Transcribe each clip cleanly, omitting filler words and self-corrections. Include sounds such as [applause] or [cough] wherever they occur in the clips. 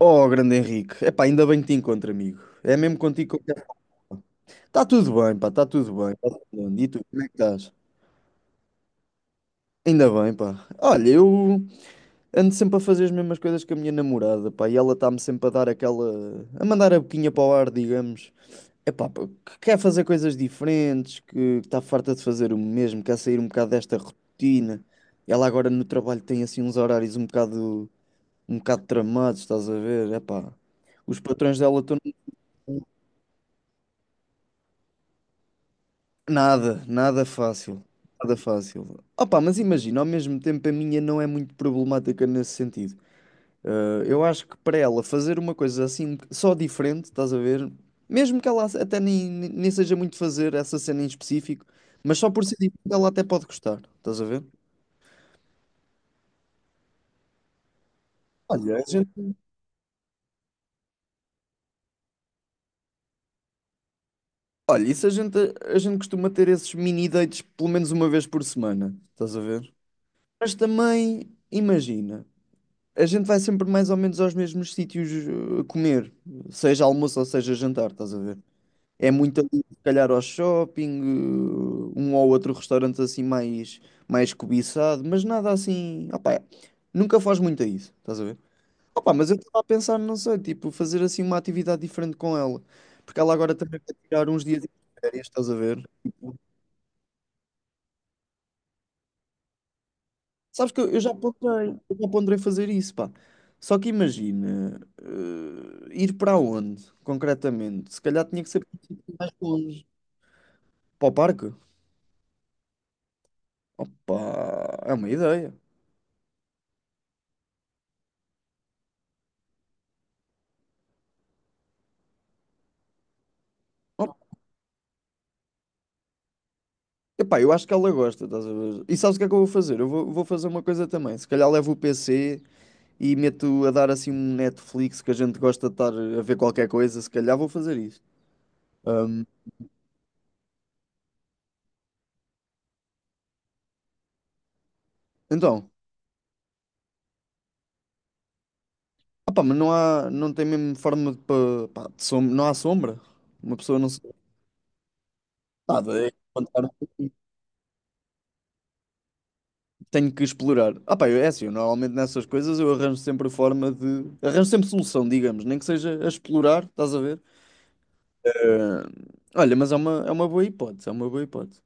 Oh, grande Henrique. Epá, ainda bem que te encontro, amigo. É mesmo contigo que eu quero falar. Está tudo bem, pá, está tudo bem. Tá tudo bem. E tu, como é que estás? Ainda bem, pá. Olha, eu ando sempre a fazer as mesmas coisas que a minha namorada, pá, e ela está-me sempre a dar aquela, a mandar a boquinha para o ar, digamos. É pá, pá, que quer fazer coisas diferentes, que está farta de fazer o mesmo, quer sair um bocado desta rotina. Ela agora no trabalho tem assim uns horários um bocado tramados, estás a ver? É pá, os patrões dela estão nada, nada fácil. Nada fácil. Opa, mas imagina, ao mesmo tempo a minha não é muito problemática nesse sentido. Ah, eu acho que para ela fazer uma coisa assim, só diferente, estás a ver? Mesmo que ela até nem seja muito fazer essa cena em específico, mas só por ser diferente ela até pode gostar, estás a ver? Olha, a gente, olha, isso a gente costuma ter esses mini dates pelo menos uma vez por semana, estás a ver? Mas também, imagina. A gente vai sempre mais ou menos aos mesmos sítios comer, seja almoço ou seja jantar, estás a ver? É muito ali, se calhar, ao shopping, um ou outro restaurante assim mais, mais cobiçado, mas nada assim. Opá, nunca faz muito a isso, estás a ver? Opá, mas eu estava a pensar, não sei, tipo, fazer assim uma atividade diferente com ela, porque ela agora também vai tirar uns dias de férias, estás a ver? Tipo, sabes que eu já ponderei, eu já ponderei fazer isso, pá. Só que imagina, ir para onde, concretamente? Se calhar tinha que ser mais longe. Para o parque? Opa, é uma ideia. Op- Epá, eu acho que ela gosta, estás a ver? E sabes o que é que eu vou fazer? Eu vou fazer uma coisa também. Se calhar levo o PC e meto a dar assim um Netflix que a gente gosta de estar a ver qualquer coisa. Se calhar vou fazer isso. Ahm, então, opá, mas não há, não tem mesmo forma de, pá, não há sombra. Uma pessoa não se nada, é encontrar o que tenho que explorar. Ah, pá, é assim, eu normalmente nessas coisas eu arranjo sempre forma de. Arranjo sempre solução, digamos, nem que seja a explorar, estás a ver? Eh, olha, mas é uma boa hipótese, é uma boa hipótese.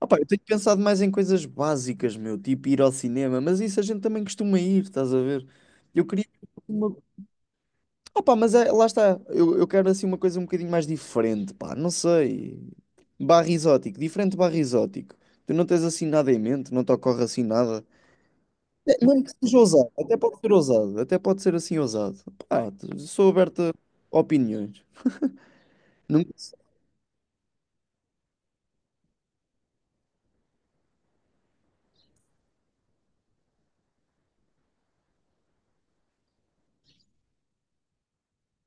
Ah, pá, eu tenho pensado mais em coisas básicas, meu, tipo ir ao cinema, mas isso a gente também costuma ir, estás a ver? Eu queria uma. Ah, pá, mas é, lá está, eu quero assim uma coisa um bocadinho mais diferente, pá, não sei. Barra exótico, diferente barra exótico. Tu não tens assim nada em mente, não te ocorre assim nada. É, mesmo que seja ousado, até pode ser ousado, até pode ser assim ousado. Pá, sou aberto a opiniões. Nunca...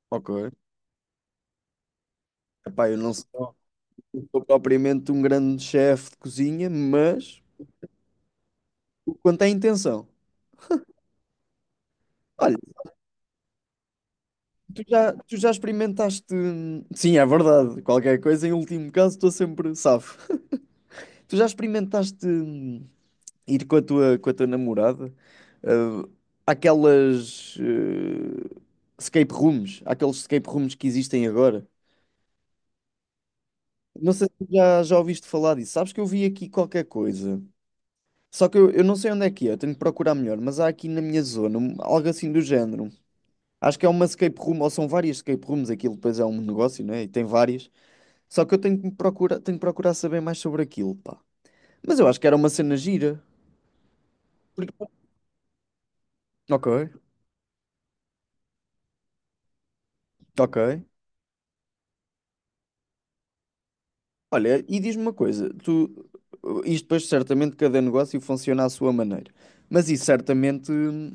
Ok. Epá, eu não sou, não sou propriamente um grande chefe de cozinha, mas quanto à intenção. Olha, tu já experimentaste. Sim, é verdade. Qualquer coisa, em último caso, estou sempre safo. [laughs] Tu já experimentaste ir com com a tua namorada? ah, Aquelas escape rooms, aqueles escape rooms que existem agora. Não sei se já ouviste falar disso. Sabes que eu vi aqui qualquer coisa. Só que eu não sei onde é que é, eu tenho que procurar melhor, mas há aqui na minha zona algo assim do género. Acho que é uma escape room, ou são várias escape rooms, aquilo depois é um negócio, né? E tem várias. Só que eu tenho que me procurar, tenho que procurar saber mais sobre aquilo, pá. Mas eu acho que era uma cena gira. Porque- Ok, ok. Olha, e diz-me uma coisa, tu, isto depois certamente cada negócio funciona à sua maneira, mas isso certamente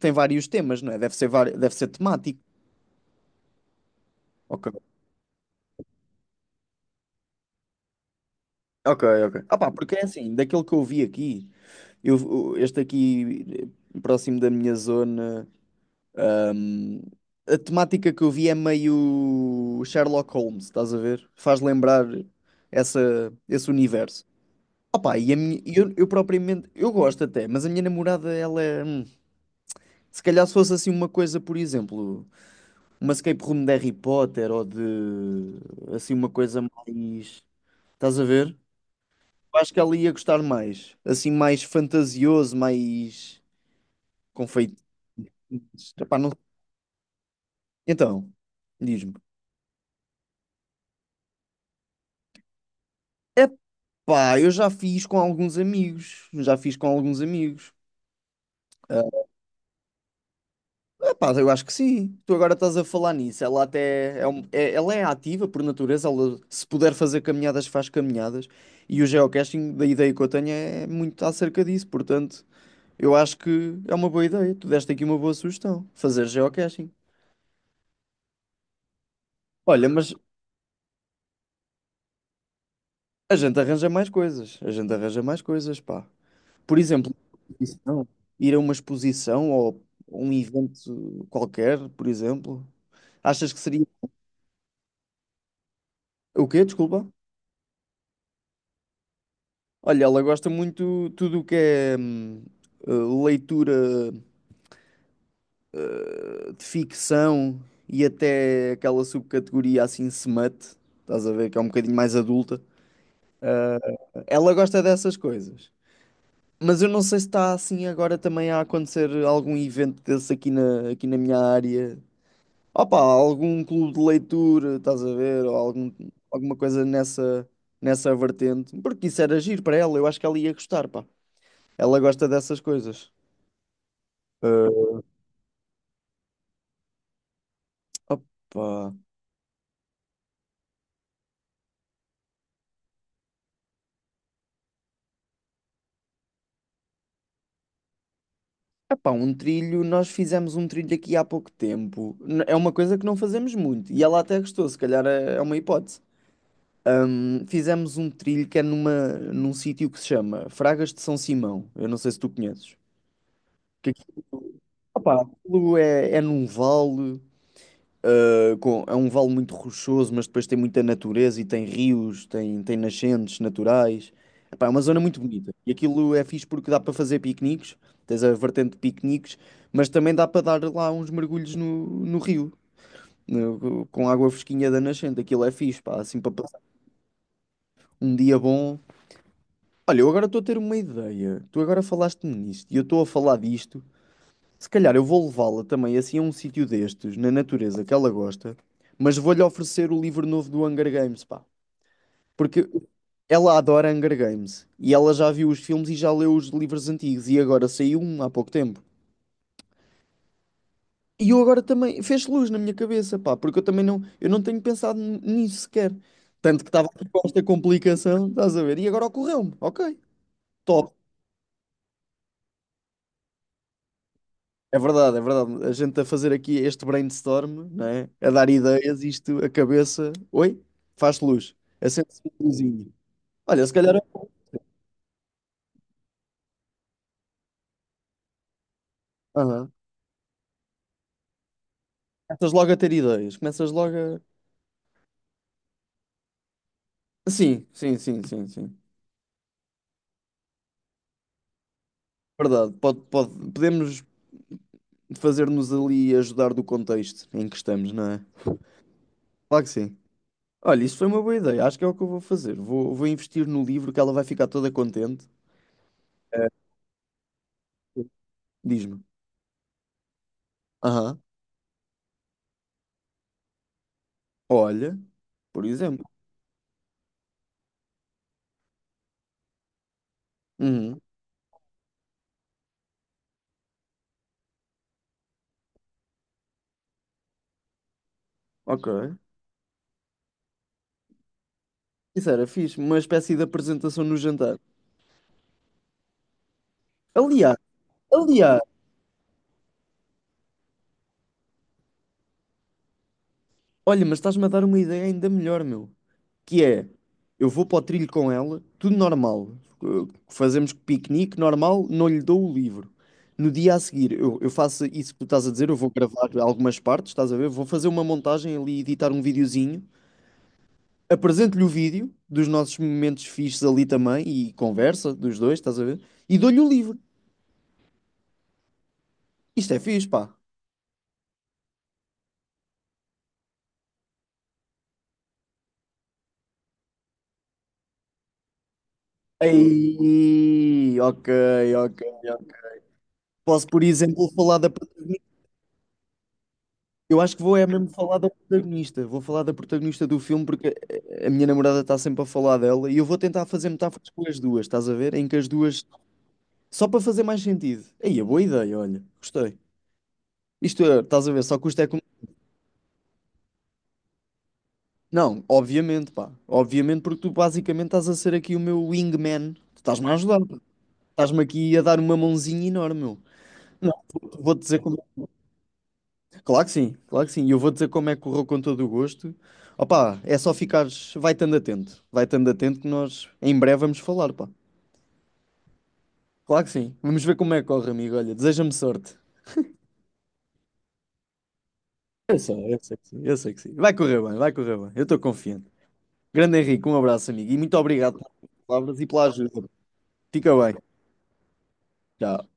tem vários temas, não é? Deve ser, deve ser temático. Ok, ok, ok. Ah pá, porque é assim, daquilo que eu vi aqui, eu, este aqui próximo da minha zona, ahm, a temática que eu vi é meio Sherlock Holmes, estás a ver? Faz lembrar esse universo. Ah pá, e a minha, e eu propriamente, eu gosto até, mas a minha namorada, ela é, se calhar se fosse assim uma coisa, por exemplo, uma escape room de Harry Potter ou de, assim, uma coisa mais, estás a ver? Eu acho que ela ia gostar mais. Assim, mais fantasioso, mais confeito. Epá, não- Então, diz-me. Epá, eu já fiz com alguns amigos. Já fiz com alguns amigos. Ah, epá, eu acho que sim. Tu agora estás a falar nisso. Ela até é, ela é ativa por natureza. Ela, se puder fazer caminhadas, faz caminhadas. E o geocaching, da ideia que eu tenho, é muito acerca disso. Portanto, eu acho que é uma boa ideia. Tu deste aqui uma boa sugestão. Fazer geocaching. Olha, mas a gente arranja mais coisas. A gente arranja mais coisas, pá. Por exemplo, exposição, ir a uma exposição ou um evento qualquer, por exemplo. Achas que seria. O quê? Desculpa. Olha, ela gosta muito tudo o que é eh, leitura de ficção e até aquela subcategoria assim smut. Estás a ver que é um bocadinho mais adulta. Ela gosta dessas coisas. Mas eu não sei se está assim agora também a acontecer algum evento desse aqui aqui na minha área. Opa, algum clube de leitura, estás a ver? Ou algum, alguma coisa nessa vertente. Porque isso era giro para ela, eu acho que ela ia gostar, pá. Ela gosta dessas coisas. Eh, opa. Epá, um trilho, nós fizemos um trilho aqui há pouco tempo. É uma coisa que não fazemos muito. E ela até gostou, se calhar é uma hipótese. Fizemos um trilho que é num sítio que se chama Fragas de São Simão. Eu não sei se tu conheces. Que aquilo, opá, aquilo é, é num vale, ah, com, é um vale muito rochoso, mas depois tem muita natureza e tem rios, tem nascentes naturais. Epá, é uma zona muito bonita. E aquilo é fixe porque dá para fazer piqueniques, tens a vertente de piqueniques, mas também dá para dar lá uns mergulhos no rio, com água fresquinha da nascente. Aquilo é fixe, pá, assim para passar um dia bom. Olha, eu agora estou a ter uma ideia. Tu agora falaste-me nisto e eu estou a falar disto. Se calhar eu vou levá-la também assim a um sítio destes, na natureza que ela gosta, mas vou-lhe oferecer o livro novo do Hunger Games, pá. Porque ela adora Hunger Games e ela já viu os filmes e já leu os livros antigos e agora saiu um há pouco tempo. E eu agora também fez luz na minha cabeça, pá, porque eu não tenho pensado nisso sequer. Tanto que estava com esta complicação, estás a ver? E agora ocorreu-me, ok, top. É verdade, é verdade. A gente a fazer aqui este brainstorm, não é? A dar ideias, isto, a cabeça. Oi? Faz luz. Acende se uma luzinha. Olha, se calhar. Aham. Começas logo a ter ideias. Começas logo a. Sim, sim, sim, sim, sim. Verdade. Pode, pode... Podemos fazer-nos ali ajudar do contexto em que estamos, não é? Claro que sim. Olha, isso foi uma boa ideia. Acho que é o que eu vou fazer. Vou investir no livro que ela vai ficar toda contente. Diz-me. Aham. Olha, por exemplo. Uhum. Ok. Isso era fixe, uma espécie de apresentação no jantar. Aliás, aliás, olha, mas estás-me a dar uma ideia ainda melhor, meu. Que é, eu vou para o trilho com ela, tudo normal. Fazemos piquenique normal, não lhe dou o livro. No dia a seguir, eu faço isso que tu estás a dizer, eu vou gravar algumas partes, estás a ver? Vou fazer uma montagem ali, editar um videozinho. Apresento-lhe o vídeo dos nossos momentos fixes ali também e conversa dos dois, estás a ver? E dou-lhe o livro. Isto é fixe, pá. Aí, ok, ok, ok. Posso, por exemplo, falar da protagonista. Eu acho que vou é mesmo falar da protagonista. Vou falar da protagonista do filme porque a minha namorada está sempre a falar dela e eu vou tentar fazer metáforas com as duas, estás a ver? Em que as duas. Só para fazer mais sentido. Aí, é boa ideia, olha. Gostei. Isto é, estás a ver? Só custa é como. Não, obviamente, pá. Obviamente, porque tu basicamente estás a ser aqui o meu wingman. Tu estás-me a ajudar, pá. Estás-me aqui a dar uma mãozinha enorme, meu. Não, vou-te dizer como. Claro que sim, claro que sim. E eu vou dizer como é que correu com todo o gosto. Opa, é só ficares, vai estando atento que nós em breve vamos falar, pá. Claro que sim. Vamos ver como é que corre, amigo. Olha, deseja-me sorte. Eu sei que sim, eu sei que sim. Vai correr bem, vai correr bem. Eu estou confiante. Grande Henrique, um abraço, amigo. E muito obrigado pelas palavras e pela ajuda. Fica bem. Tchau.